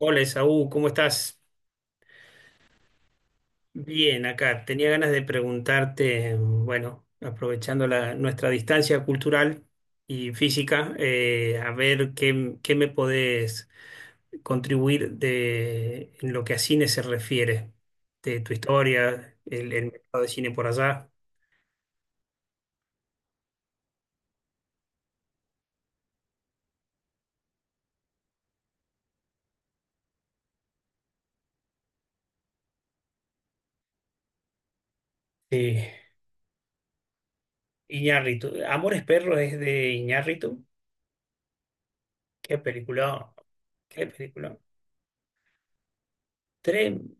Hola, Esaú, ¿cómo estás? Bien, acá. Tenía ganas de preguntarte, bueno, aprovechando nuestra distancia cultural y física, a ver qué me podés contribuir de, en lo que a cine se refiere, de tu historia, el mercado de cine por allá. Sí. Iñárritu. Amores Perros es de Iñárritu. Qué película, qué película. Trem-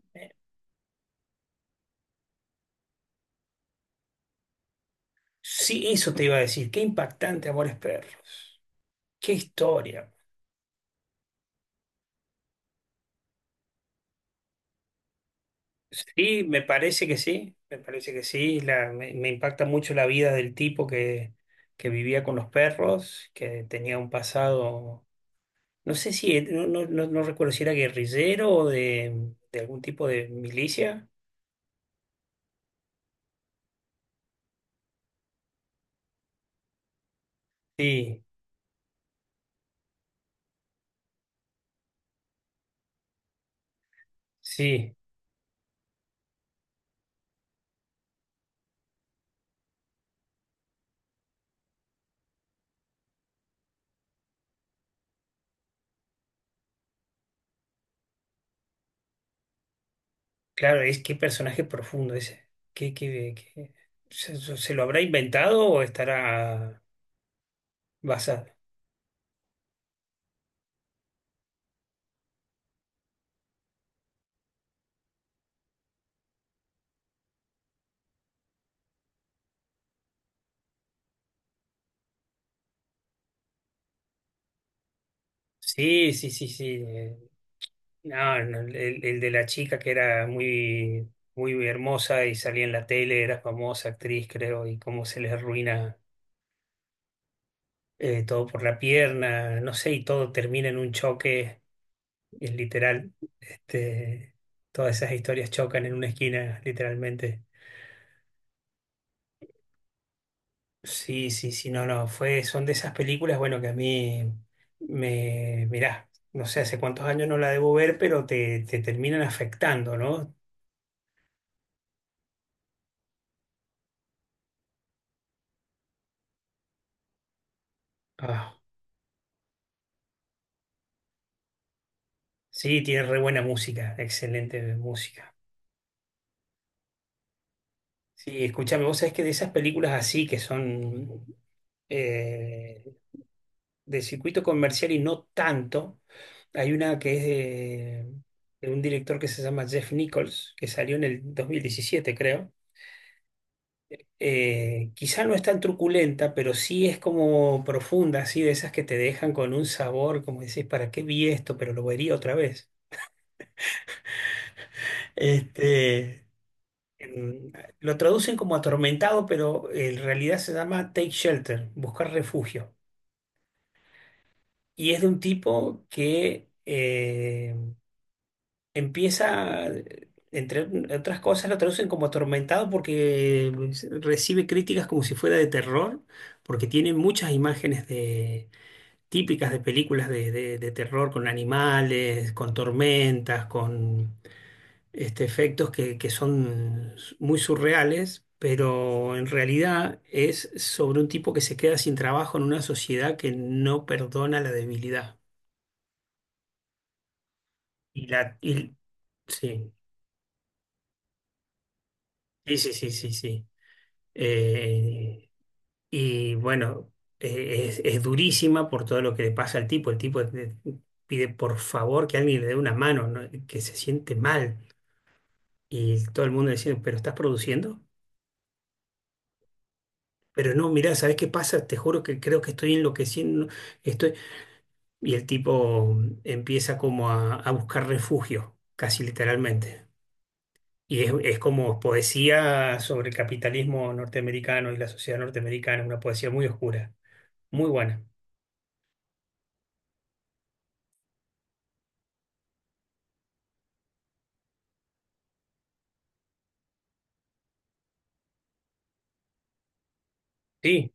Sí, eso te iba a decir. Qué impactante, Amores Perros. Qué historia. Sí, me parece que sí, me parece que sí. Me impacta mucho la vida del tipo que vivía con los perros, que tenía un pasado, no sé si, no recuerdo si era guerrillero o de algún tipo de milicia. Sí, sí, claro, es que personaje profundo ese. ¿Qué, qué- qué- se lo habrá inventado o estará basado? Sí, sí, sí, sí. No, no, el de la chica que era muy, muy hermosa y salía en la tele, era famosa actriz, creo, y cómo se les arruina todo por la pierna, no sé, y todo termina en un choque, es literal. Este, Todas esas historias chocan en una esquina, literalmente. Sí, sí, sí, no, no, fue, son de esas películas, bueno, que a mí mirá, no sé hace cuántos años no la debo ver, pero te terminan afectando, ¿no? Ah. Sí, tiene re buena música, excelente música. Sí, escúchame, vos sabés que de esas películas así que son eh, de circuito comercial y no tanto, hay una que es de un director que se llama Jeff Nichols, que salió en el 2017, creo. Quizá no es tan truculenta, pero sí es como profunda, así de esas que te dejan con un sabor, como decís, ¿para qué vi esto? Pero lo vería otra vez. Este, en- lo traducen como atormentado, pero en realidad se llama Take Shelter, buscar refugio. Y es de un tipo que empieza, entre otras cosas, lo traducen como atormentado porque recibe críticas como si fuera de terror, porque tiene muchas imágenes de típicas de películas de, de terror con animales, con tormentas, con efectos que son muy surreales, pero en realidad es sobre un tipo que se queda sin trabajo en una sociedad que no perdona la debilidad. Y la, y- sí, sí, sí, sí, sí. Sí. Eh, y bueno, es durísima por todo lo que le pasa al tipo. El tipo pide por favor que alguien le dé una mano, ¿no? Que se siente mal. Y todo el mundo diciendo, ¿pero estás produciendo? Pero no, mirá, ¿sabés qué pasa? Te juro que creo que estoy enloqueciendo. Estoy. Y el tipo empieza como a buscar refugio, casi literalmente. Y es como poesía sobre el capitalismo norteamericano y la sociedad norteamericana, una poesía muy oscura, muy buena. Sí,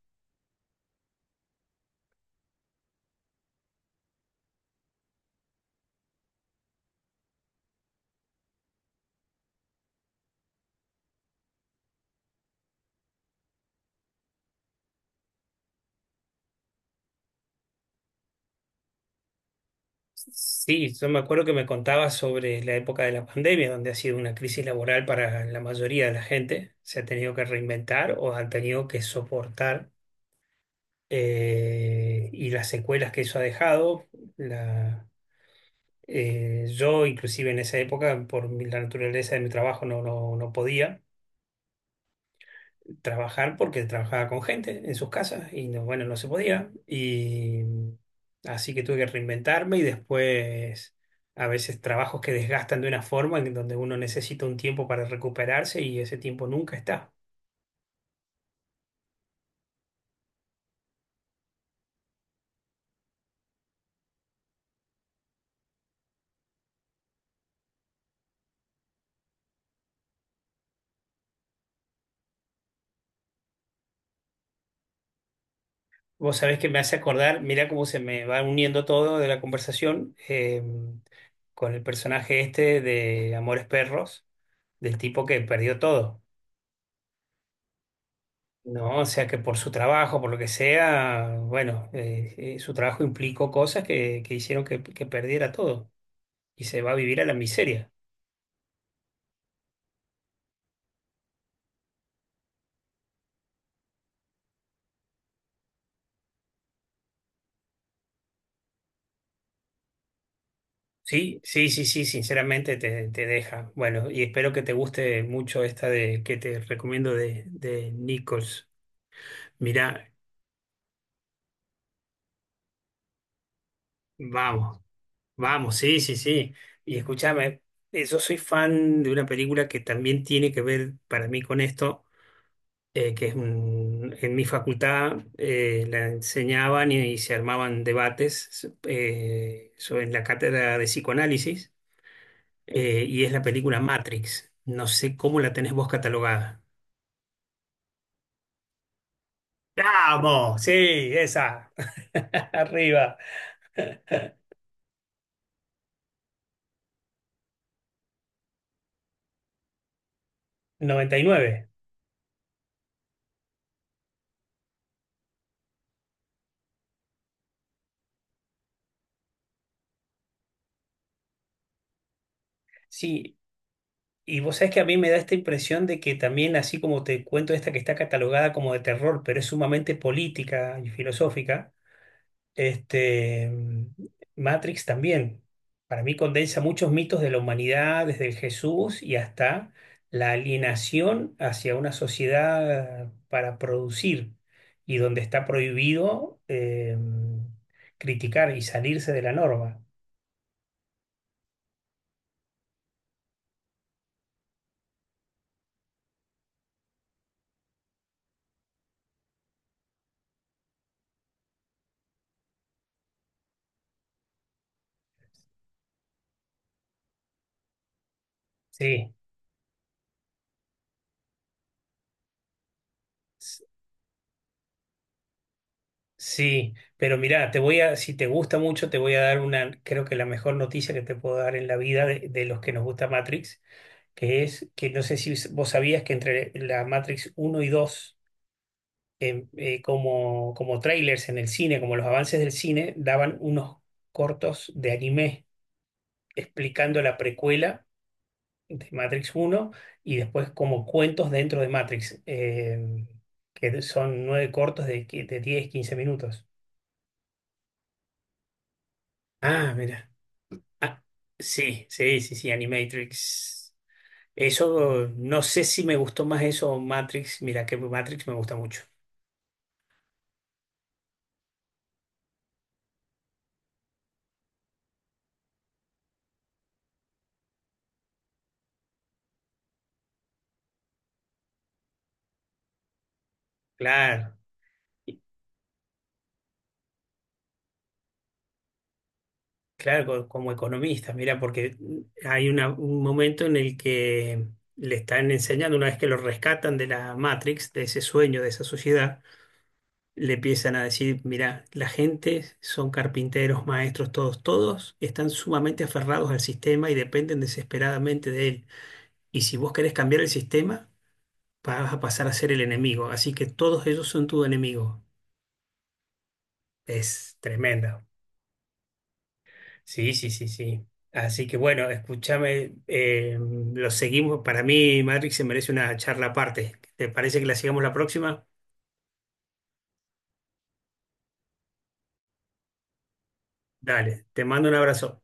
sí, yo me acuerdo que me contabas sobre la época de la pandemia, donde ha sido una crisis laboral para la mayoría de la gente. Se ha tenido que reinventar o han tenido que soportar y las secuelas que eso ha dejado. La, yo, inclusive en esa época, por la naturaleza de mi trabajo, no, no podía trabajar porque trabajaba con gente en sus casas y no, bueno, no se podía. Y así que tuve que reinventarme y después a veces trabajos que desgastan de una forma en donde uno necesita un tiempo para recuperarse y ese tiempo nunca está. Vos sabés que me hace acordar, mirá cómo se me va uniendo todo de la conversación. Con el personaje este de Amores Perros, del tipo que perdió todo, ¿no? O sea, que por su trabajo, por lo que sea, bueno, su trabajo implicó cosas que hicieron que perdiera todo y se va a vivir a la miseria. Sí, sí, sí, sí, sinceramente te deja. Bueno, y espero que te guste mucho esta de que te recomiendo de Nichols. Mirá, vamos. Vamos, sí, sí, sí. Y escúchame, yo soy fan de una película que también tiene que ver para mí con esto, que es en mi facultad la enseñaban y se armaban debates sobre en la cátedra de psicoanálisis y es la película Matrix. No sé cómo la tenés vos catalogada. ¡Vamos! Sí, esa. Arriba. 99. Sí, y vos sabés que a mí me da esta impresión de que también, así como te cuento esta que está catalogada como de terror, pero es sumamente política y filosófica, este, Matrix también, para mí condensa muchos mitos de la humanidad, desde el Jesús y hasta la alienación hacia una sociedad para producir y donde está prohibido criticar y salirse de la norma. Sí. Sí, pero mirá, si te gusta mucho, te voy a dar una, creo que la mejor noticia que te puedo dar en la vida de los que nos gusta Matrix, que es que no sé si vos sabías que entre la Matrix uno y 2 como trailers en el cine, como los avances del cine, daban unos cortos de anime explicando la precuela de Matrix uno y después como cuentos dentro de Matrix, que son nueve cortos de 10 15 minutos. Ah, mira. Ah, sí, sí, sí, sí, Animatrix. Eso, no sé si me gustó más eso o Matrix. Mira, que Matrix me gusta mucho. Claro, claro, como economista, mira, porque hay un momento en el que le están enseñando, una vez que lo rescatan de la Matrix, de ese sueño, de esa sociedad, le empiezan a decir, mira, la gente son carpinteros, maestros, todos, todos están sumamente aferrados al sistema y dependen desesperadamente de él. Y si vos querés cambiar el sistema vas a pasar a ser el enemigo. Así que todos ellos son tu enemigo. Es tremenda. Sí, sí, sí, sí. Así que bueno, escúchame, lo seguimos. Para mí, Matrix se merece una charla aparte. ¿Te parece que la sigamos la próxima? Dale, te mando un abrazo.